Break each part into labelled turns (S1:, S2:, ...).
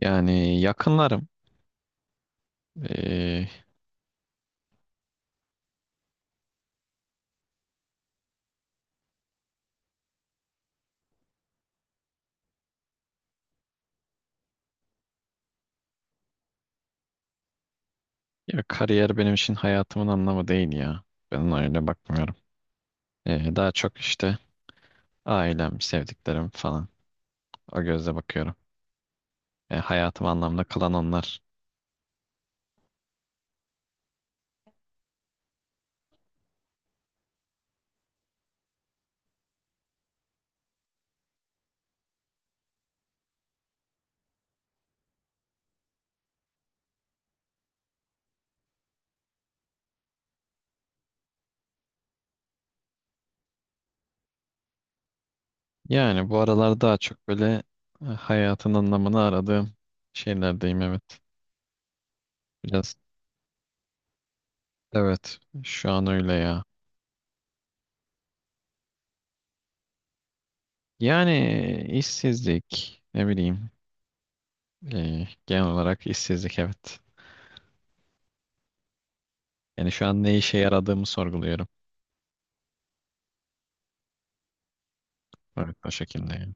S1: Yani yakınlarım. Ee, Ya kariyer benim için hayatımın anlamı değil ya. Ben ona öyle bakmıyorum. Daha çok işte ailem, sevdiklerim falan. O gözle bakıyorum. Hayatım anlamda kılan onlar. Yani bu aralar daha çok böyle hayatın anlamını aradığım şeylerdeyim, evet. Biraz, evet, şu an öyle ya. Yani işsizlik, ne bileyim, genel olarak işsizlik, evet. Yani şu an ne işe yaradığımı sorguluyorum. Evet, o şekilde yani.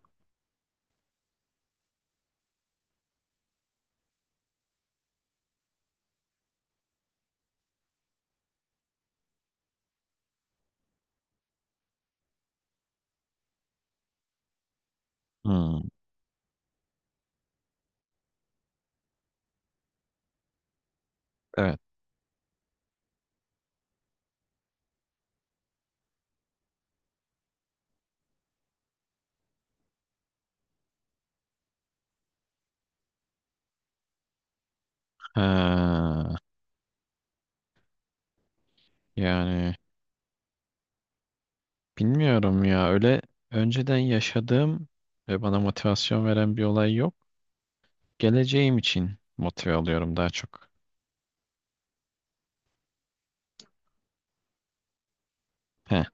S1: Hmm, evet. Ha, yani bilmiyorum ya, öyle önceden yaşadığım ve bana motivasyon veren bir olay yok. Geleceğim için motive alıyorum daha çok. He.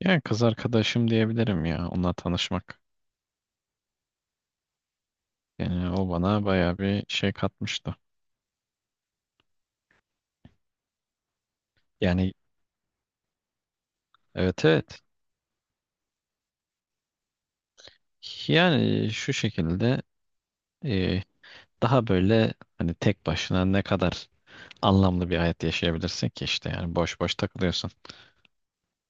S1: Yani kız arkadaşım diyebilirim ya, onunla tanışmak. Yani o bana bayağı bir şey katmıştı. Yani, evet, evet. Yani şu şekilde, e, daha böyle hani tek başına ne kadar anlamlı bir hayat yaşayabilirsin ki işte, yani boş boş takılıyorsun.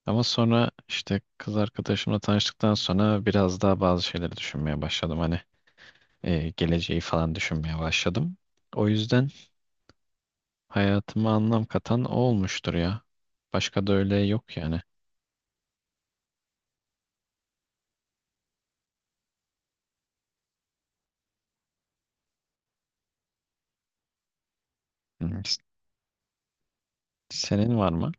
S1: Ama sonra işte kız arkadaşımla tanıştıktan sonra biraz daha bazı şeyleri düşünmeye başladım. Hani geleceği falan düşünmeye başladım. O yüzden hayatıma anlam katan o olmuştur ya. Başka da öyle yok yani. Hı. Senin var mı?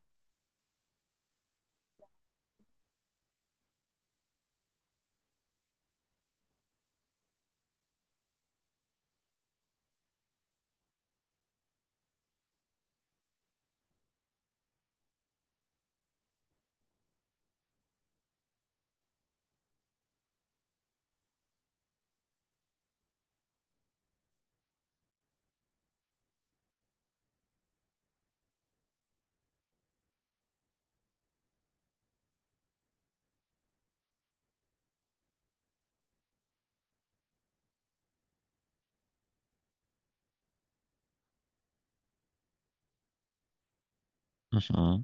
S1: Hı hı.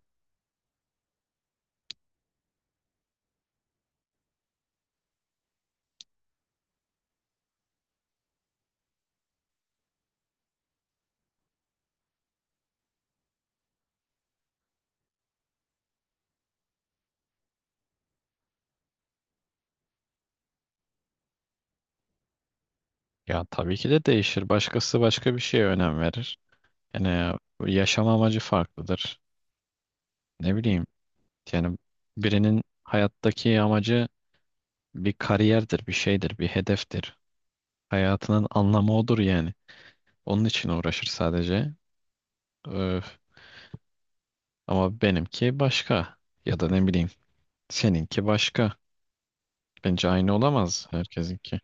S1: Ya tabii ki de değişir. Başkası başka bir şeye önem verir. Yani yaşam amacı farklıdır. Ne bileyim. Yani birinin hayattaki amacı bir kariyerdir, bir şeydir, bir hedeftir. Hayatının anlamı odur yani. Onun için uğraşır sadece. Öf. Ama benimki başka. Ya da ne bileyim, seninki başka. Bence aynı olamaz herkesinki.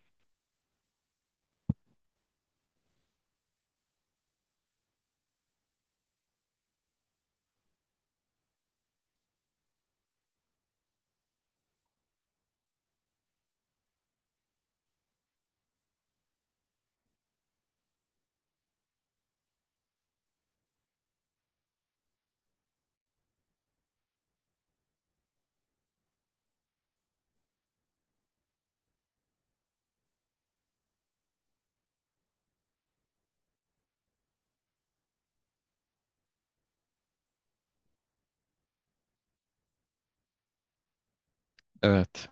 S1: Evet.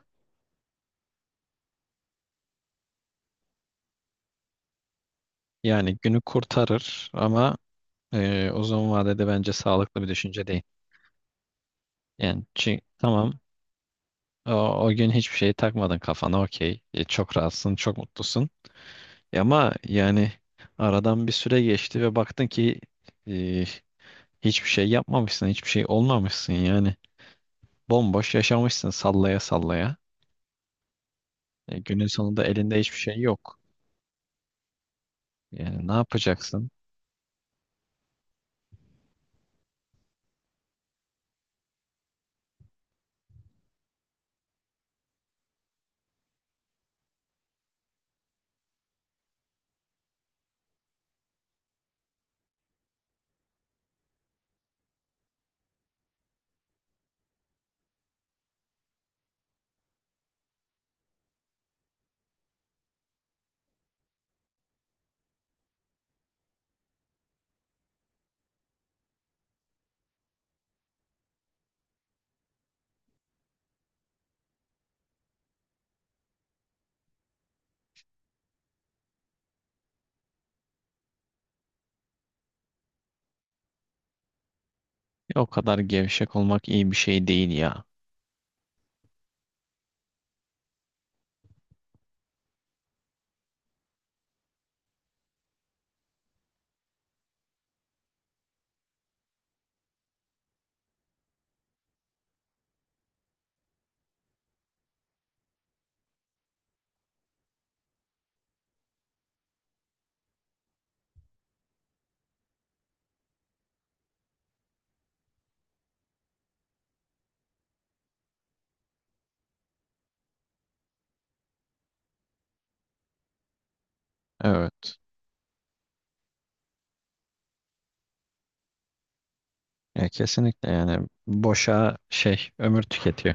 S1: Yani günü kurtarır ama uzun vadede bence sağlıklı bir düşünce değil. Yani tamam, o, o gün hiçbir şeyi takmadın kafana, okey. E, çok rahatsın, çok mutlusun. E ama yani aradan bir süre geçti ve baktın ki e, hiçbir şey yapmamışsın, hiçbir şey olmamışsın yani. Bomboş yaşamışsın, sallaya sallaya. E, günün sonunda elinde hiçbir şey yok. Yani ne yapacaksın? E, o kadar gevşek olmak iyi bir şey değil ya. Evet. Ya kesinlikle, yani boşa şey ömür tüketiyor.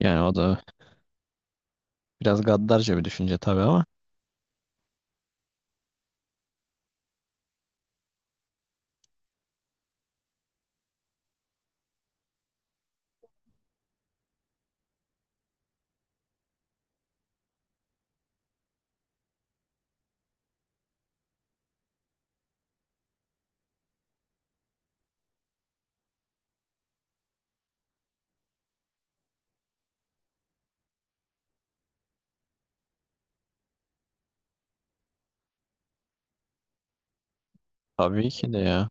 S1: Yani o da biraz gaddarca bir düşünce tabii ama tabii ki de ya.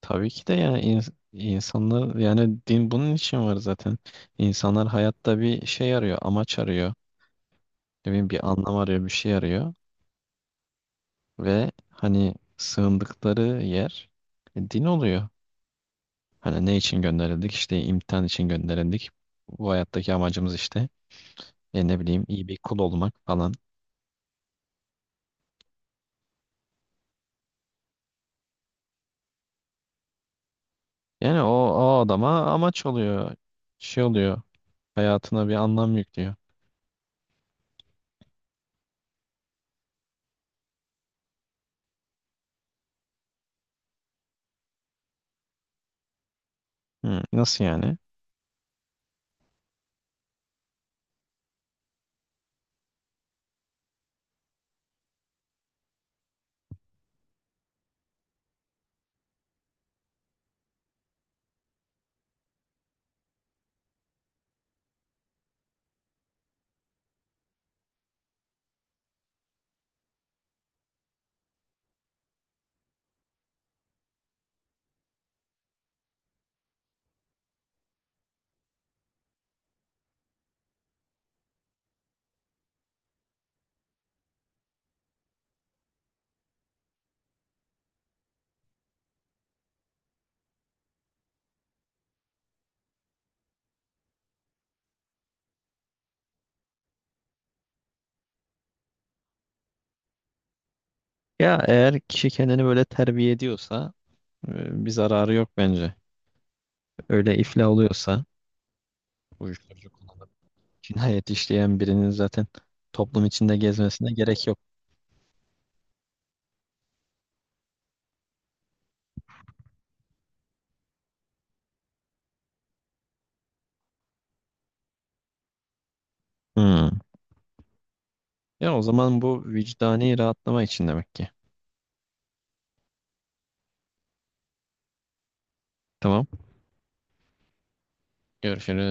S1: Tabii ki de yani insanlar, yani din bunun için var zaten. İnsanlar hayatta bir şey arıyor, amaç arıyor. Ne bileyim, bir anlam arıyor, bir şey arıyor ve hani sığındıkları yer din oluyor. Hani ne için gönderildik? İşte imtihan için gönderildik. Bu hayattaki amacımız işte e ne bileyim iyi bir kul olmak falan. Yani o, o adama amaç oluyor. Şey oluyor. Hayatına bir anlam yüklüyor. Hı, nasıl yani? Ya eğer kişi kendini böyle terbiye ediyorsa bir zararı yok bence. Öyle iflah oluyorsa uyuşturucu kullanıp cinayet işleyen birinin zaten toplum içinde gezmesine gerek yok. Hmm. Ya o zaman bu vicdani rahatlama için demek ki. Tamam. Görüşürüz.